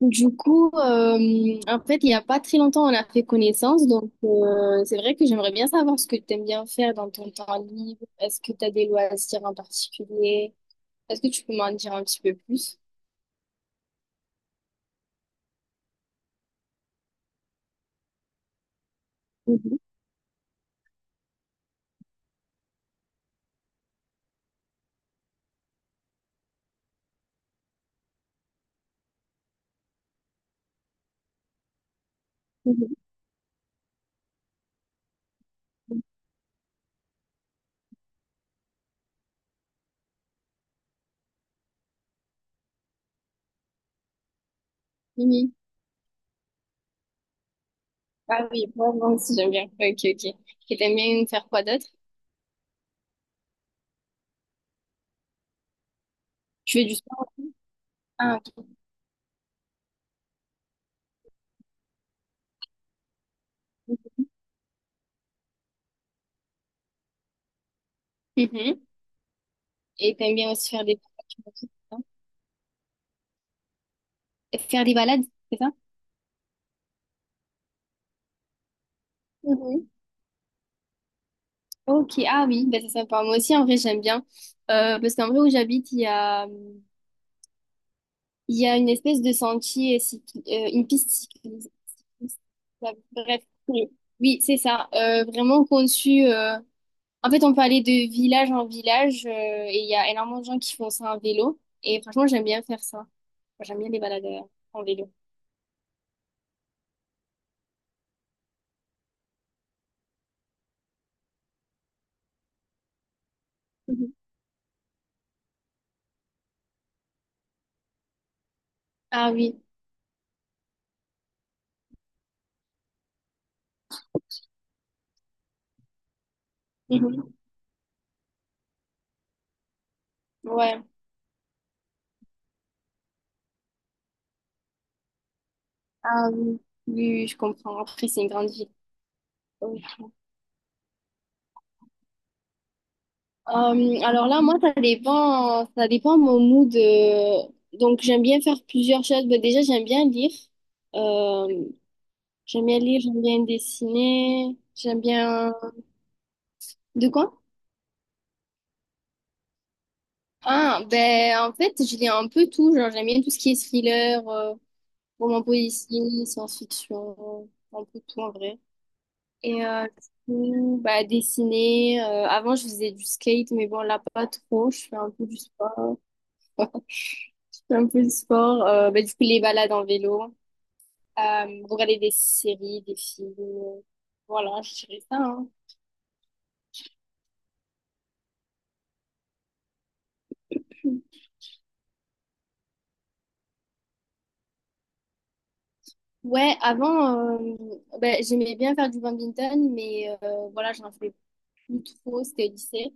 Du coup, en fait, il n'y a pas très longtemps, on a fait connaissance. Donc, c'est vrai que j'aimerais bien savoir ce que tu aimes bien faire dans ton temps libre. Est-ce que tu as des loisirs en particulier? Est-ce que tu peux m'en dire un petit peu plus? Mhm, mhm, mhm. Ah oui, vraiment, si j'aime bien. Ok, ok. Et t'aimes bien faire quoi d'autre? Tu fais du sport? Ah, ok. Mhm. Et t'aimes bien aussi faire des balades, tu m'as dit, c'est ça? Et faire des balades, c'est ça? Mhm. Ok, ah oui, ben c'est sympa. Moi aussi, en vrai, j'aime bien. Parce qu'en vrai, où j'habite, il y a... Il y a une espèce de sentier, une piste cycliste. Bref, oui, oui, c'est ça. Vraiment conçu. En fait, on peut aller de village en village, et il y a énormément de gens qui font ça en vélo. Et franchement, j'aime bien faire ça. Enfin, j'aime bien les balades en vélo. Mhm. Ah oui. Mhm. Ouais. Ah oui. Oui, oui, je comprends. Après, c'est une grande ville. Alors là, moi, ça dépend mon mood. Donc, j'aime bien faire plusieurs choses. Bah, déjà, j'aime bien lire. Euh, j'aime bien lire, j'aime bien dessiner. J'aime bien... De quoi? Ah, ben, en fait, je lis un peu tout. Genre, j'aime bien tout ce qui est thriller, roman policier, science-fiction, un peu tout en vrai. Et du coup, bah, dessiner. Avant, je faisais du skate, mais bon, là, pas trop. Je fais un peu du sport. Un peu de sport. Bah, du coup, les balades en vélo. Regarder des séries, des films. Voilà, je dirais ça, hein. Ouais, avant, bah, j'aimais bien faire du badminton, mais voilà, j'en fais plus trop, c'était au lycée.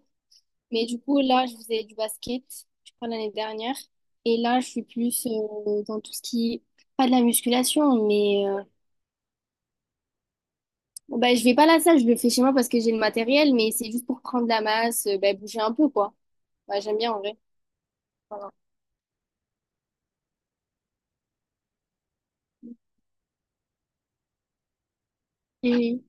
Mais du coup, là, je faisais du basket, je crois, l'année dernière. Et là, je suis plus dans tout ce qui est, pas de la musculation, mais bah, je vais pas à la salle, je le fais chez moi parce que j'ai le matériel, mais c'est juste pour prendre la masse, bah, bouger un peu, quoi. Bah, j'aime bien en vrai. Voilà. Et-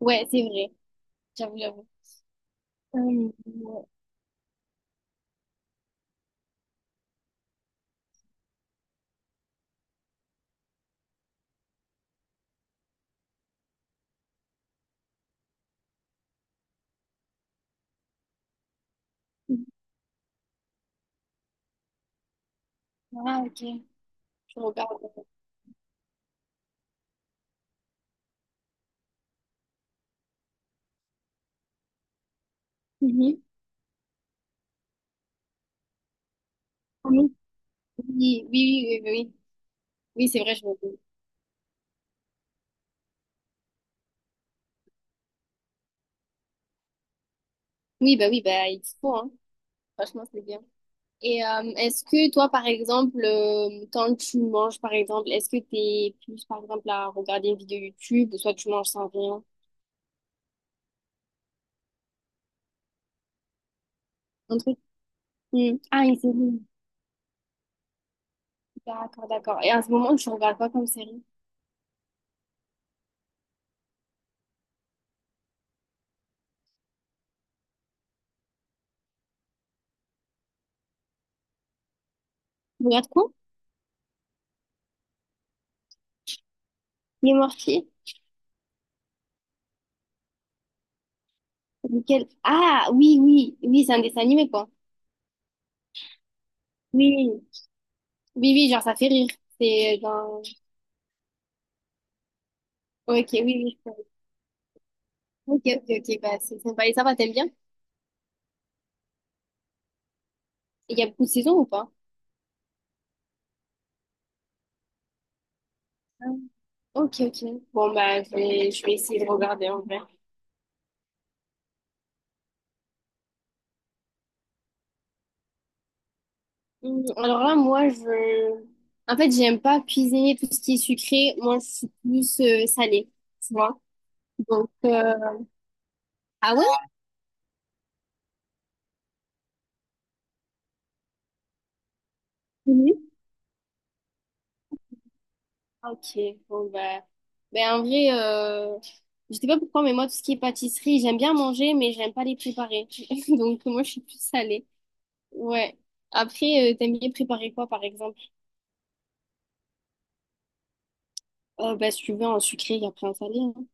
ouais, c'est vrai. J'avoue, j'avoue. Ouais. Ah, ok. Je regarde. Mhm. Oui, oui, oui, oui, oui. Oui, oui, c'est vrai, je me dis. Oui, bah il faut, hein. Franchement, c'est bien. Et est-ce que toi, par exemple, quand tu manges, par exemple, est-ce que t'es plus, par exemple, à regarder une vidéo YouTube ou soit tu manges sans rien? Un truc. Hmm. Ah, une série. D'accord, d'accord. Et à ce moment, tu regardes quoi comme série? Tu regardes quoi? Les Mortiers? Lequel? Ah, oui, oui, oui, c'est un dessin animé, quoi. Oui, oui, oui, genre ça fait rire. C'est genre... Ok, oui, oui, je comprends. Ok, ok, ok, bah c'est sympa. Et ça va, t'aimes bien? Et il y a beaucoup de saisons ou pas? Ah. Ok, ok. Bon, bah je vais essayer de regarder en vrai. Alors là, moi, je... En fait, j'aime pas cuisiner tout ce qui est sucré. Moi, je suis plus salée, tu vois. Donc, ah ouais? Mhm. Ok, bon bah, ben en vrai, je sais pas pourquoi, mais moi tout ce qui est pâtisserie, j'aime bien manger, mais j'aime pas les préparer. Donc moi je suis plus salée. Ouais. Après, t'aimes bien préparer quoi, par exemple? Bah, suivant un sucré et après un salé, hein.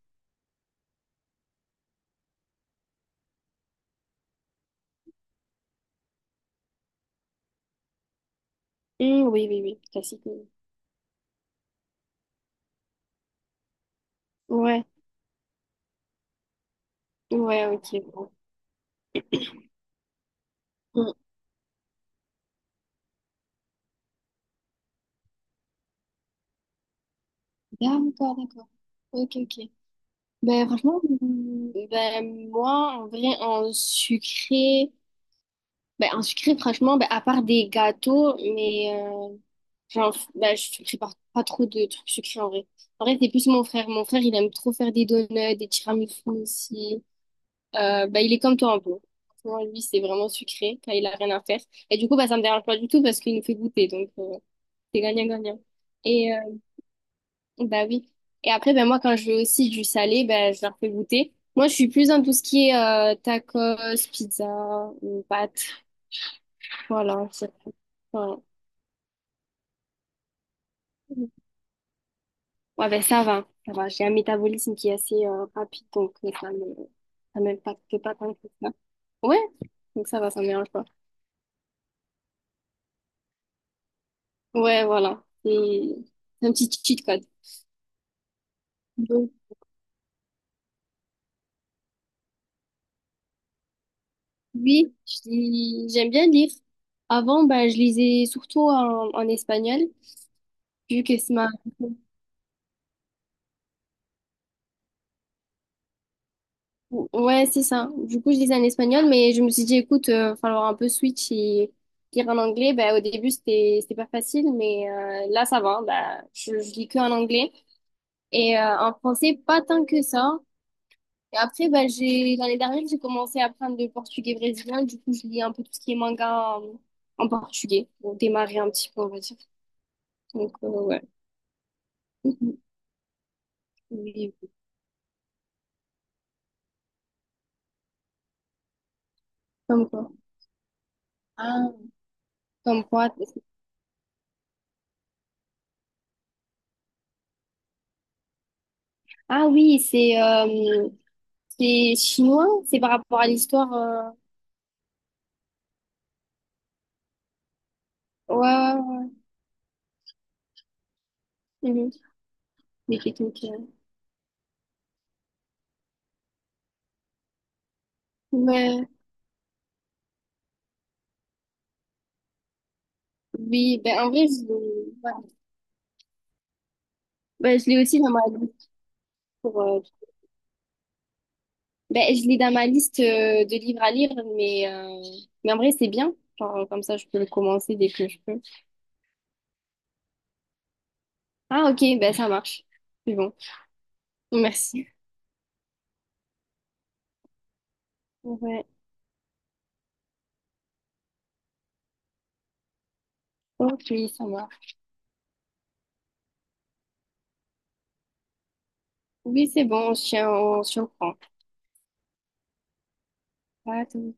Oui, oui, oui. Classique. Oui. Ouais. Ouais, ok, bon. Hum. D'accord, d'accord. Ok, ok. Ben, franchement, ben, moi, en vrai, en sucré, ben, en sucré, franchement, ben, à part des gâteaux, mais, genre, ben, je prépare pas trop de trucs sucrés, en vrai. En vrai, c'est plus mon frère. Mon frère, il aime trop faire des donuts, des tiramisu aussi. Bah, il est comme toi un peu. Franchement, lui, c'est vraiment sucré quand il a rien à faire. Et du coup, bah, ça me dérange pas du tout parce qu'il nous fait goûter. Donc, c'est gagnant-gagnant. Et bah oui. Et après, ben moi, quand je veux aussi du salé, ben je leur fais goûter. Moi, je suis plus dans tout ce qui est tacos, pizza, ou pâtes. Voilà. C'est- voilà. Ouais, ben ça va. Ça va. J'ai un métabolisme qui est assez rapide, donc ça me, ça m'impacte pas tant que ça. Ouais. Donc, ça va, ça me dérange pas. Ouais, voilà. C'est un petit cheat, quoi. Donc, oui, je lis- j'aime bien lire. Avant, ben, je lisais surtout en, en espagnol, vu que c'est ma... Ouais, c'est ça. Du coup, je lisais en espagnol, mais je me suis dit, écoute, falloir un peu switch et lire en anglais. Ben, au début, c'était, c'était pas facile, mais là, ça va. Ben, je lis que en anglais. Et en français, pas tant que ça. Et après, ben, j'ai, l'année dernière, j'ai commencé à apprendre le portugais brésilien. Du coup, je lis un peu tout ce qui est manga en, en portugais pour démarrer un petit peu, on va dire. Donc, ouais. Mhm. Oui, oui, comme quoi? Ah, comme quoi? Ah oui, c'est chinois, c'est par rapport à l'histoire. Ouais, ouais, ouais. Mhm. Des techniques. Mais oui, ben en vrai, je l'ai ouais. Ben, je l'ai aussi dans ma liste. Pour, ben, je l'ai dans ma liste de livres à lire, mais, euh, mais en vrai, c'est bien. Genre, comme ça, je peux le commencer dès que je peux. Ah, ok, ben ça marche. C'est bon. Merci. Ouais, ok, ça marche. Oui, c'est bon, on se tient- on se reprend. À tous.